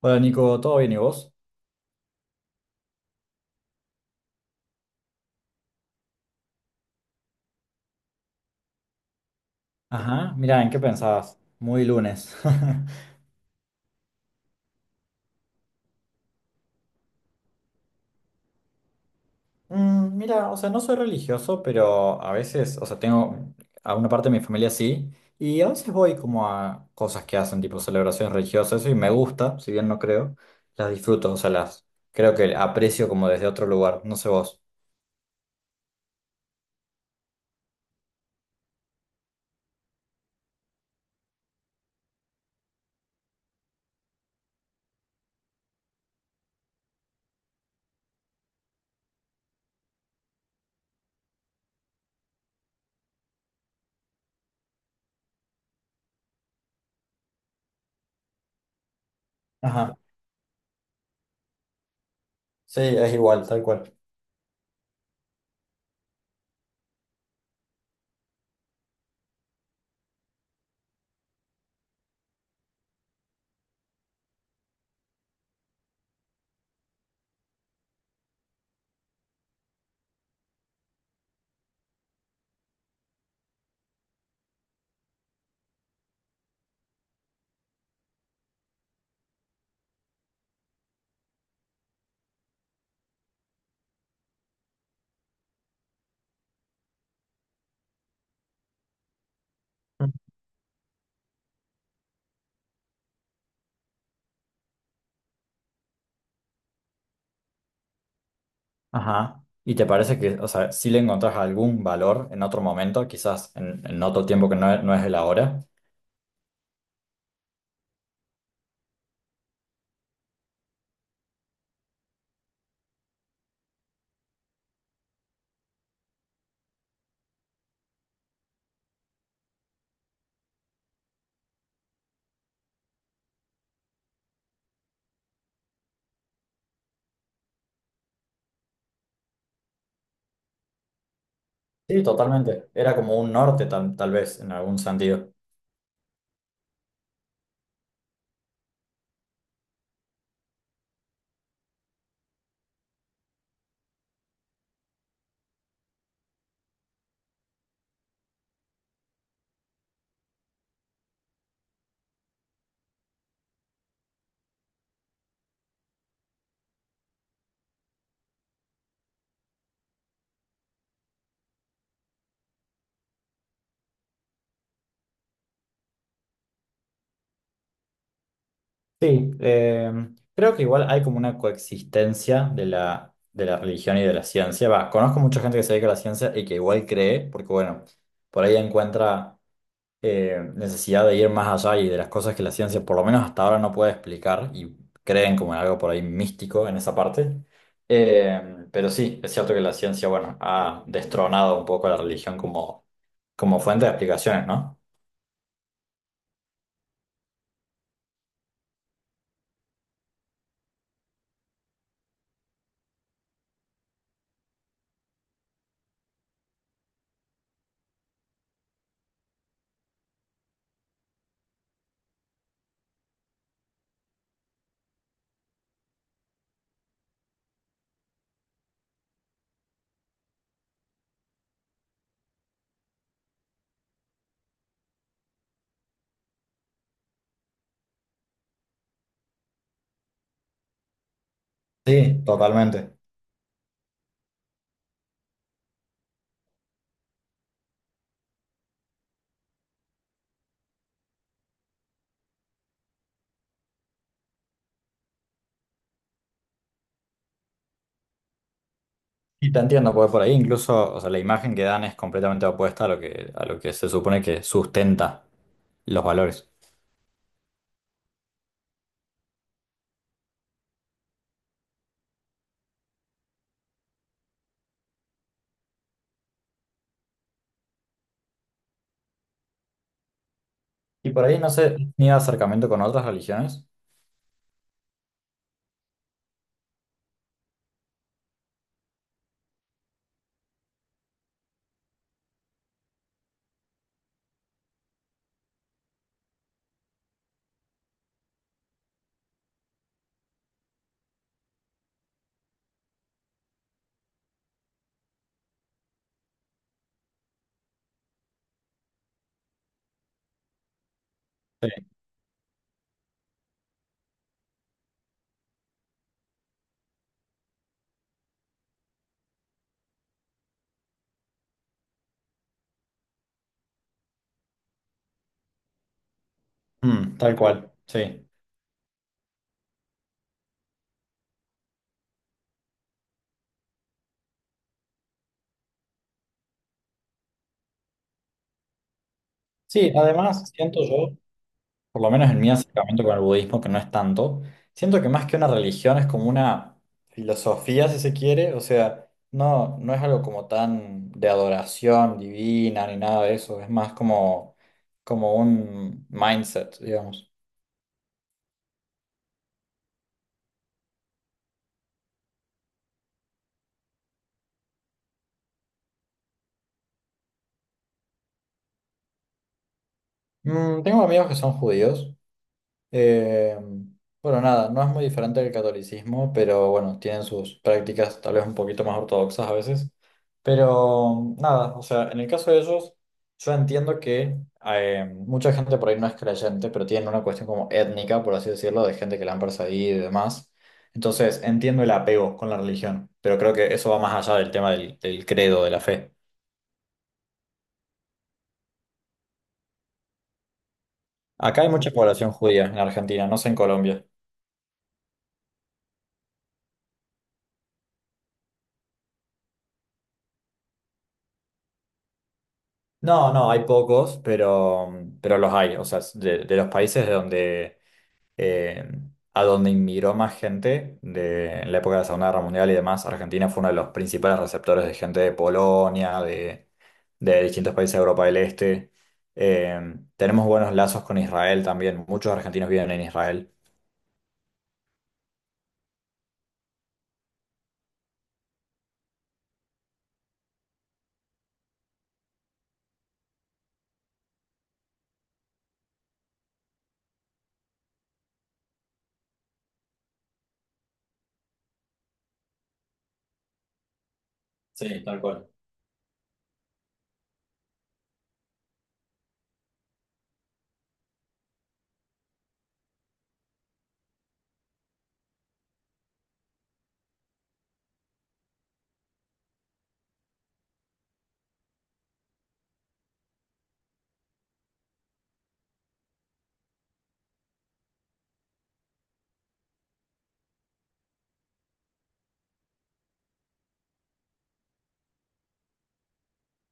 Hola Nico, ¿todo bien y vos? Ajá, mira, ¿en qué pensabas? Muy lunes. Mira, o sea, no soy religioso, pero a veces, o sea, tengo a una parte de mi familia sí, y a veces voy como a cosas que hacen, tipo celebraciones religiosas, y me gusta, si bien no creo, las disfruto, o sea, las creo que aprecio como desde otro lugar, no sé vos. Ajá, sí, es igual, tal cual. Mm. Ajá. ¿Y te parece que, o sea, si le encontrás algún valor en otro momento, quizás en otro tiempo que no, no es el ahora? Sí, totalmente. Era como un norte tal vez, en algún sentido. Sí, creo que igual hay como una coexistencia de de la religión y de la ciencia. Va, conozco mucha gente que se dedica a la ciencia y que igual cree, porque bueno, por ahí encuentra necesidad de ir más allá y de las cosas que la ciencia por lo menos hasta ahora no puede explicar y creen como en algo por ahí místico en esa parte. Pero sí, es cierto que la ciencia, bueno, ha destronado un poco a la religión como fuente de explicaciones, ¿no? Sí, totalmente. Y te entiendo, porque por ahí incluso, o sea, la imagen que dan es completamente opuesta a a lo que se supone que sustenta los valores. Y por ahí no sé, ni acercamiento con otras religiones. Sí. Mm, tal cual, sí. Sí, además siento yo por lo menos en mi acercamiento con el budismo, que no es tanto, siento que más que una religión es como una filosofía, si se quiere, o sea, no es algo como tan de adoración divina ni nada de eso, es más como un mindset, digamos. Mm, tengo amigos que son judíos. Eh, bueno, nada, no es muy diferente del catolicismo, pero bueno, tienen sus prácticas tal vez un poquito más ortodoxas a veces. Pero nada, o sea, en el caso de ellos, yo entiendo que mucha gente por ahí no es creyente, pero tienen una cuestión como étnica, por así decirlo, de gente que la han perseguido y demás. Entonces, entiendo el apego con la religión, pero creo que eso va más allá del tema del credo, de la fe. Acá hay mucha población judía en Argentina, no sé en Colombia. No, hay pocos, pero los hay. O sea, de los países de donde, eh, a donde inmigró más gente de, en la época de la Segunda Guerra Mundial y demás, Argentina fue uno de los principales receptores de gente de Polonia, de distintos países de Europa del Este. Tenemos buenos lazos con Israel también. Muchos argentinos viven en Israel. Sí, tal cual.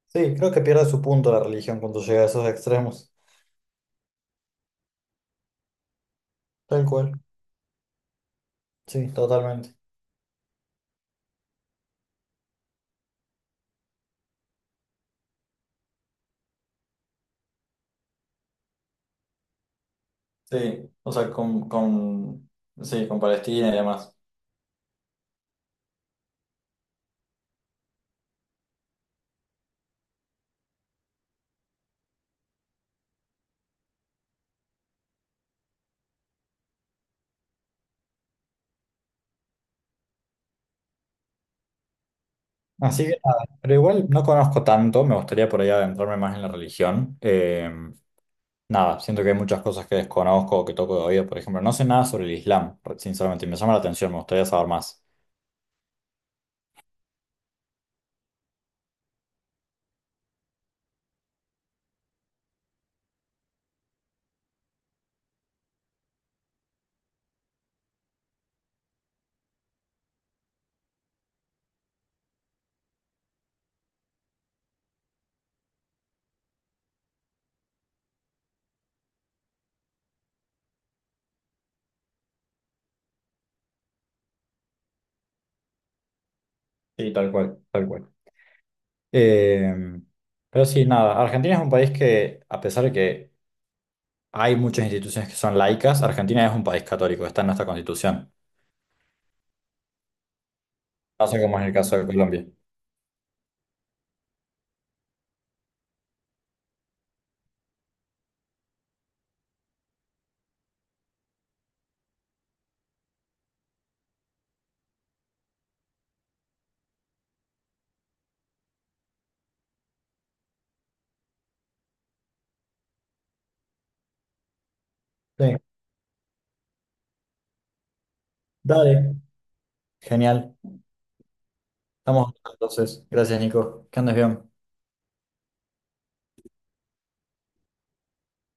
Sí, creo que pierde su punto la religión cuando llega a esos extremos. Tal cual. Sí, totalmente. Sí, o sea, sí, con Palestina y demás. Así que nada, pero igual no conozco tanto, me gustaría por ahí adentrarme más en la religión. Nada, siento que hay muchas cosas que desconozco o que toco de oído, por ejemplo, no sé nada sobre el Islam, sinceramente, y me llama la atención, me gustaría saber más. Sí, tal cual, tal cual. Eh, pero sí, nada, Argentina es un país que, a pesar de que hay muchas instituciones que son laicas, Argentina es un país católico, está en nuestra constitución. No sé cómo es el caso de Colombia. Sí, dale. Genial. Estamos hablando entonces. Gracias, Nico. Que andes bien.